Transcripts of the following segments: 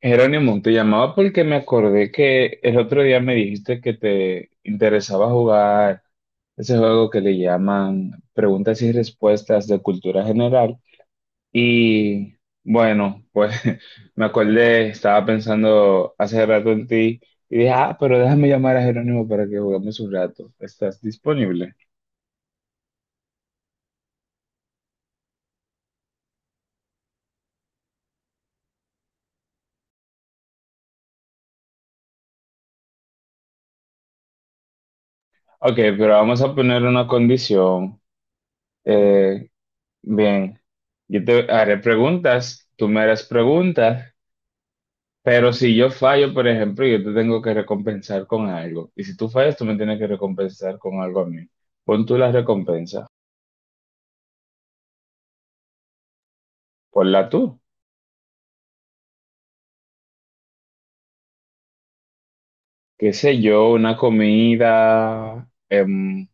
Jerónimo, te llamaba porque me acordé que el otro día me dijiste que te interesaba jugar ese juego que le llaman preguntas y respuestas de cultura general. Y bueno, pues me acordé, estaba pensando hace rato en ti y dije, ah, pero déjame llamar a Jerónimo para que juguemos un rato. ¿Estás disponible? Ok, pero vamos a poner una condición. Eh, Bien, yo te haré preguntas, tú me harás preguntas. Pero si yo fallo, por ejemplo, yo te tengo que recompensar con algo. Y si tú fallas, tú me tienes que recompensar con algo a mí. Pon tú la recompensa. Ponla tú. Qué sé yo, una comida.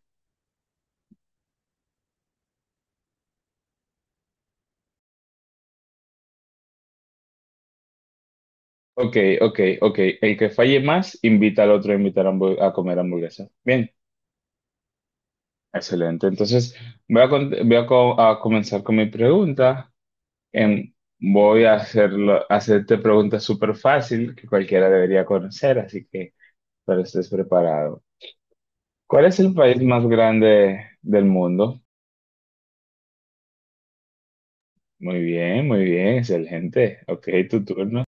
Ok, ok, ok. El que falle más, invita al otro a invitar a comer hamburguesa. Bien, excelente. Entonces, voy a comenzar con mi pregunta. Em, voy a hacerte preguntas súper fácil que cualquiera debería conocer, así que, pero estés preparado. ¿Cuál es el país más grande del mundo? Muy bien, excelente. Ok, tu turno.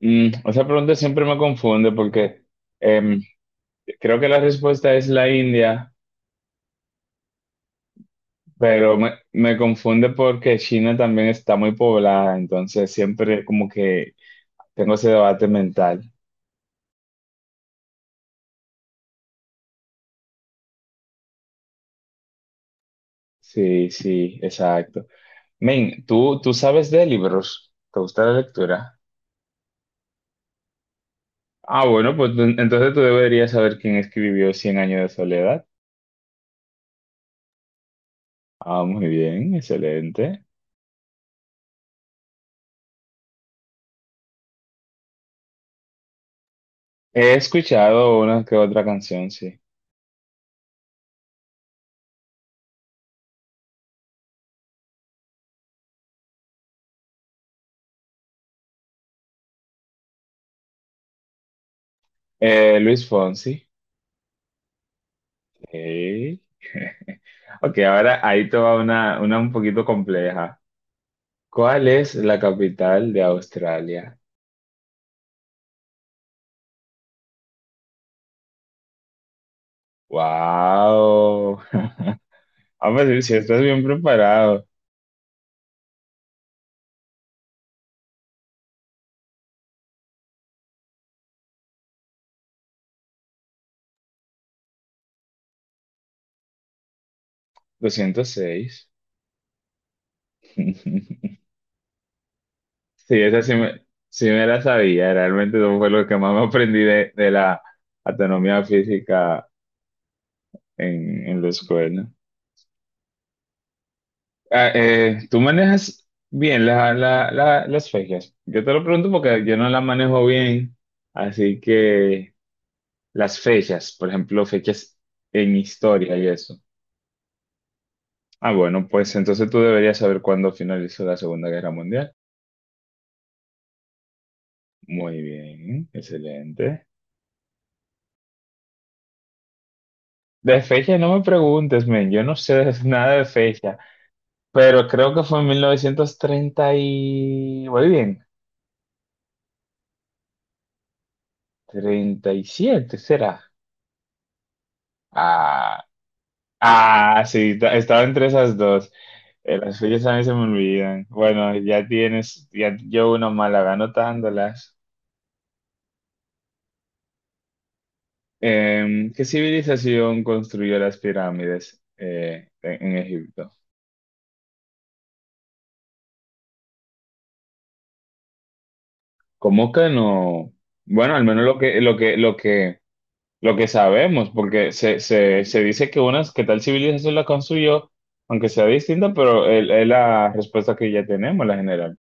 Esa pregunta siempre me confunde porque em, creo que la respuesta es la India, pero me confunde porque China también está muy poblada, entonces siempre como que tengo ese debate mental. Sí, sí, exacto. Men, ¿tú sabes de libros? ¿Te gusta la lectura? Ah, bueno, pues entonces tú deberías saber quién escribió Cien años de soledad. Ah, muy bien, excelente. He escuchado una que otra canción, sí. Luis Fonsi. Ey. Ok, ahora ahí te va una un poquito compleja. ¿Cuál es la capital de Australia? ¡Wow! Vamos a ver si estás bien preparado. 206. Sí, esa sí me la sabía. Realmente eso fue lo que más me aprendí de la autonomía física en la escuela. Ah, tú manejas bien las fechas. Yo te lo pregunto porque yo no las manejo bien. Así que las fechas, por ejemplo, fechas en historia y eso. Ah, bueno, pues entonces tú deberías saber cuándo finalizó la Segunda Guerra Mundial. Muy bien, excelente. De fecha no me preguntes, men, yo no sé nada de fecha, pero creo que fue en 1930 y. Muy bien, 37 será. Ah, ah, sí, estaba entre esas dos. Las fechas a mí se me olvidan. Bueno, ya tienes, ya yo una mala anotándolas. ¿Qué civilización construyó las pirámides en Egipto? ¿Cómo que no? Bueno, al menos lo que sabemos, porque se dice que unas, que tal civilización la construyó, aunque sea distinta, pero es la respuesta que ya tenemos, la general.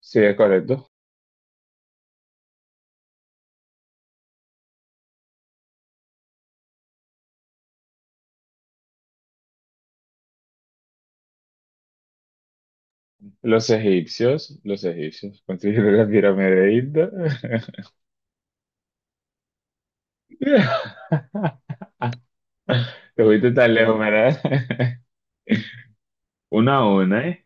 Sí, es correcto. Los egipcios construyeron la pirámide de Egipto. Te fuiste tan lejos, ¿verdad? Una a una, ¿eh?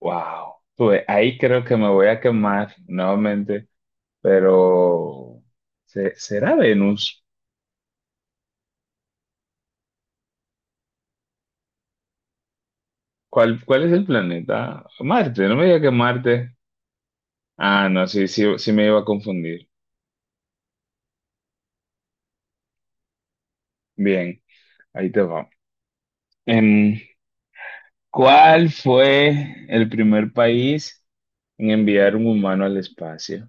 Wow. Pues ahí creo que me voy a quemar nuevamente, pero ¿será Venus? ¿Cuál es el planeta? Marte, no me diga que Marte. Ah, no, sí, sí, sí me iba a confundir. Bien, ahí te va. Em, ¿Cuál fue el primer país en enviar un humano al espacio?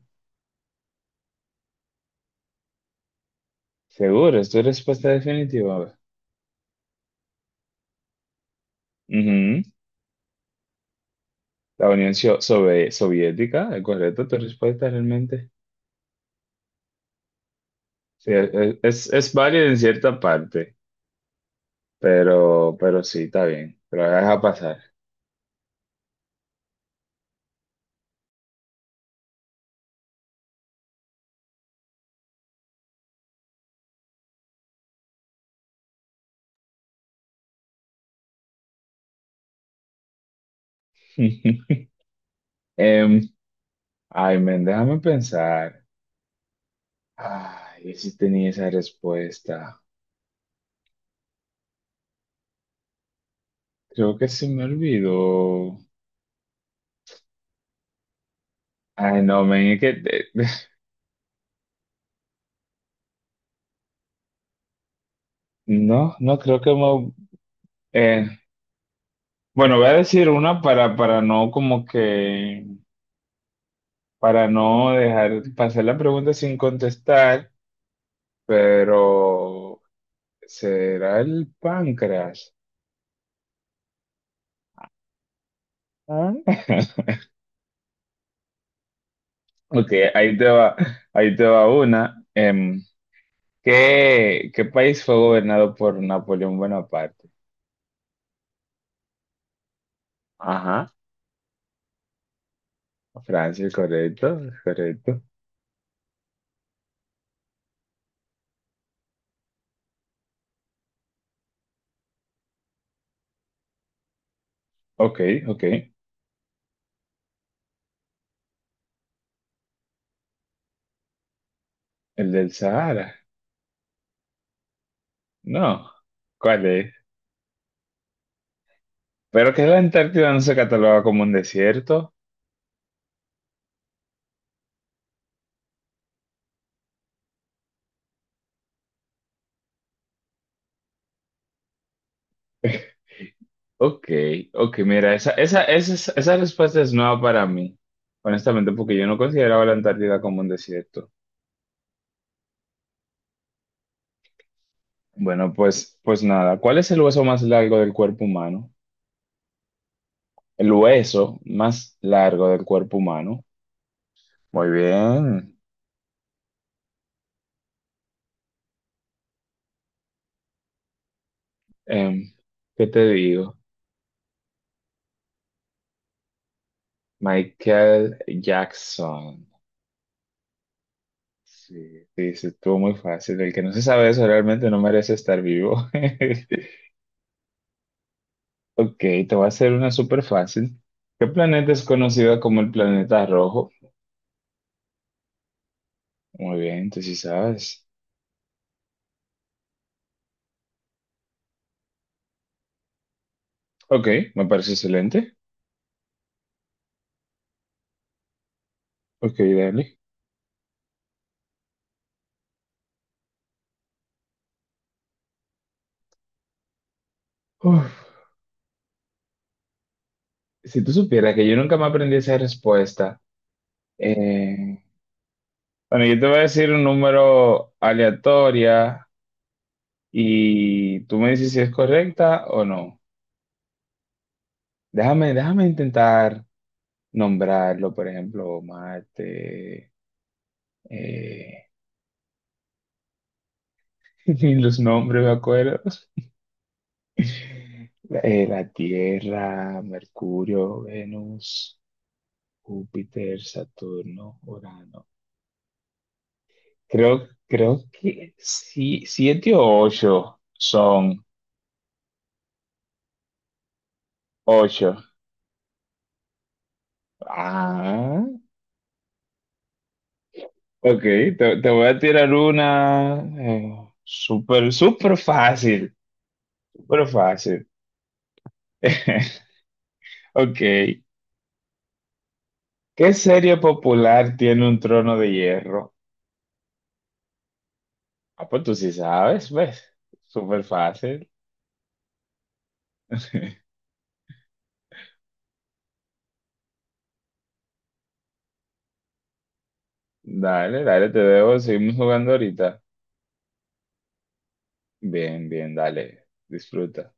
Seguro, es tu respuesta definitiva. Ujú. La Unión Sio- Sobe- Soviética, ¿es correcto tu respuesta realmente? Sí, es válida en cierta parte, pero sí, está bien. Te lo voy a dejar pasar. Em, Ay, men, déjame pensar. Ay, si tenía esa respuesta. Creo que se me olvidó. Ay, no, men, es que no, no creo que me. eh, bueno, voy a decir una para no como que para, no dejar pasar la pregunta sin contestar, pero ¿será el páncreas? Ah. Ok, ahí te va una. ¿Qué país fue gobernado por Napoleón Bonaparte? Ajá, Francia, correcto, correcto. Ok, ok. El del Sahara. No, ¿cuál es? Pero que la Antártida no se cataloga como un desierto. Ok, ok, mira, esa respuesta es nueva para mí, honestamente, porque yo no consideraba la Antártida como un desierto. Bueno, pues, pues nada, ¿cuál es el hueso más largo del cuerpo humano? El hueso más largo del cuerpo humano. Muy bien. Em, ¿Qué te digo? Michael Jackson. Sí, sí, sí, estuvo muy fácil. El que no se sabe eso realmente no merece estar vivo. Ok, te voy a hacer una súper fácil. ¿Qué planeta es conocido como el planeta rojo? Muy bien, tú sí sabes. Ok, me parece excelente. Ok, dale. Uf, si tú supieras que yo nunca me aprendí esa respuesta. eh, bueno, yo te voy a decir un número aleatoria y tú me dices si es correcta o no. Déjame, déjame intentar nombrarlo, por ejemplo, Marte. eh, Ni los nombres me acuerdo. La Tierra, Mercurio, Venus, Júpiter, Saturno, Urano. Creo, creo que sí, siete o ocho son ocho. Ah, ok, te voy a tirar una súper, súper fácil, súper fácil. Ok, ¿qué serie popular tiene un trono de hierro? Ah, pues tú sí sabes, ¿ves? Súper fácil. Dale, dale, te veo. Seguimos jugando ahorita. Bien, bien, dale. Disfruta.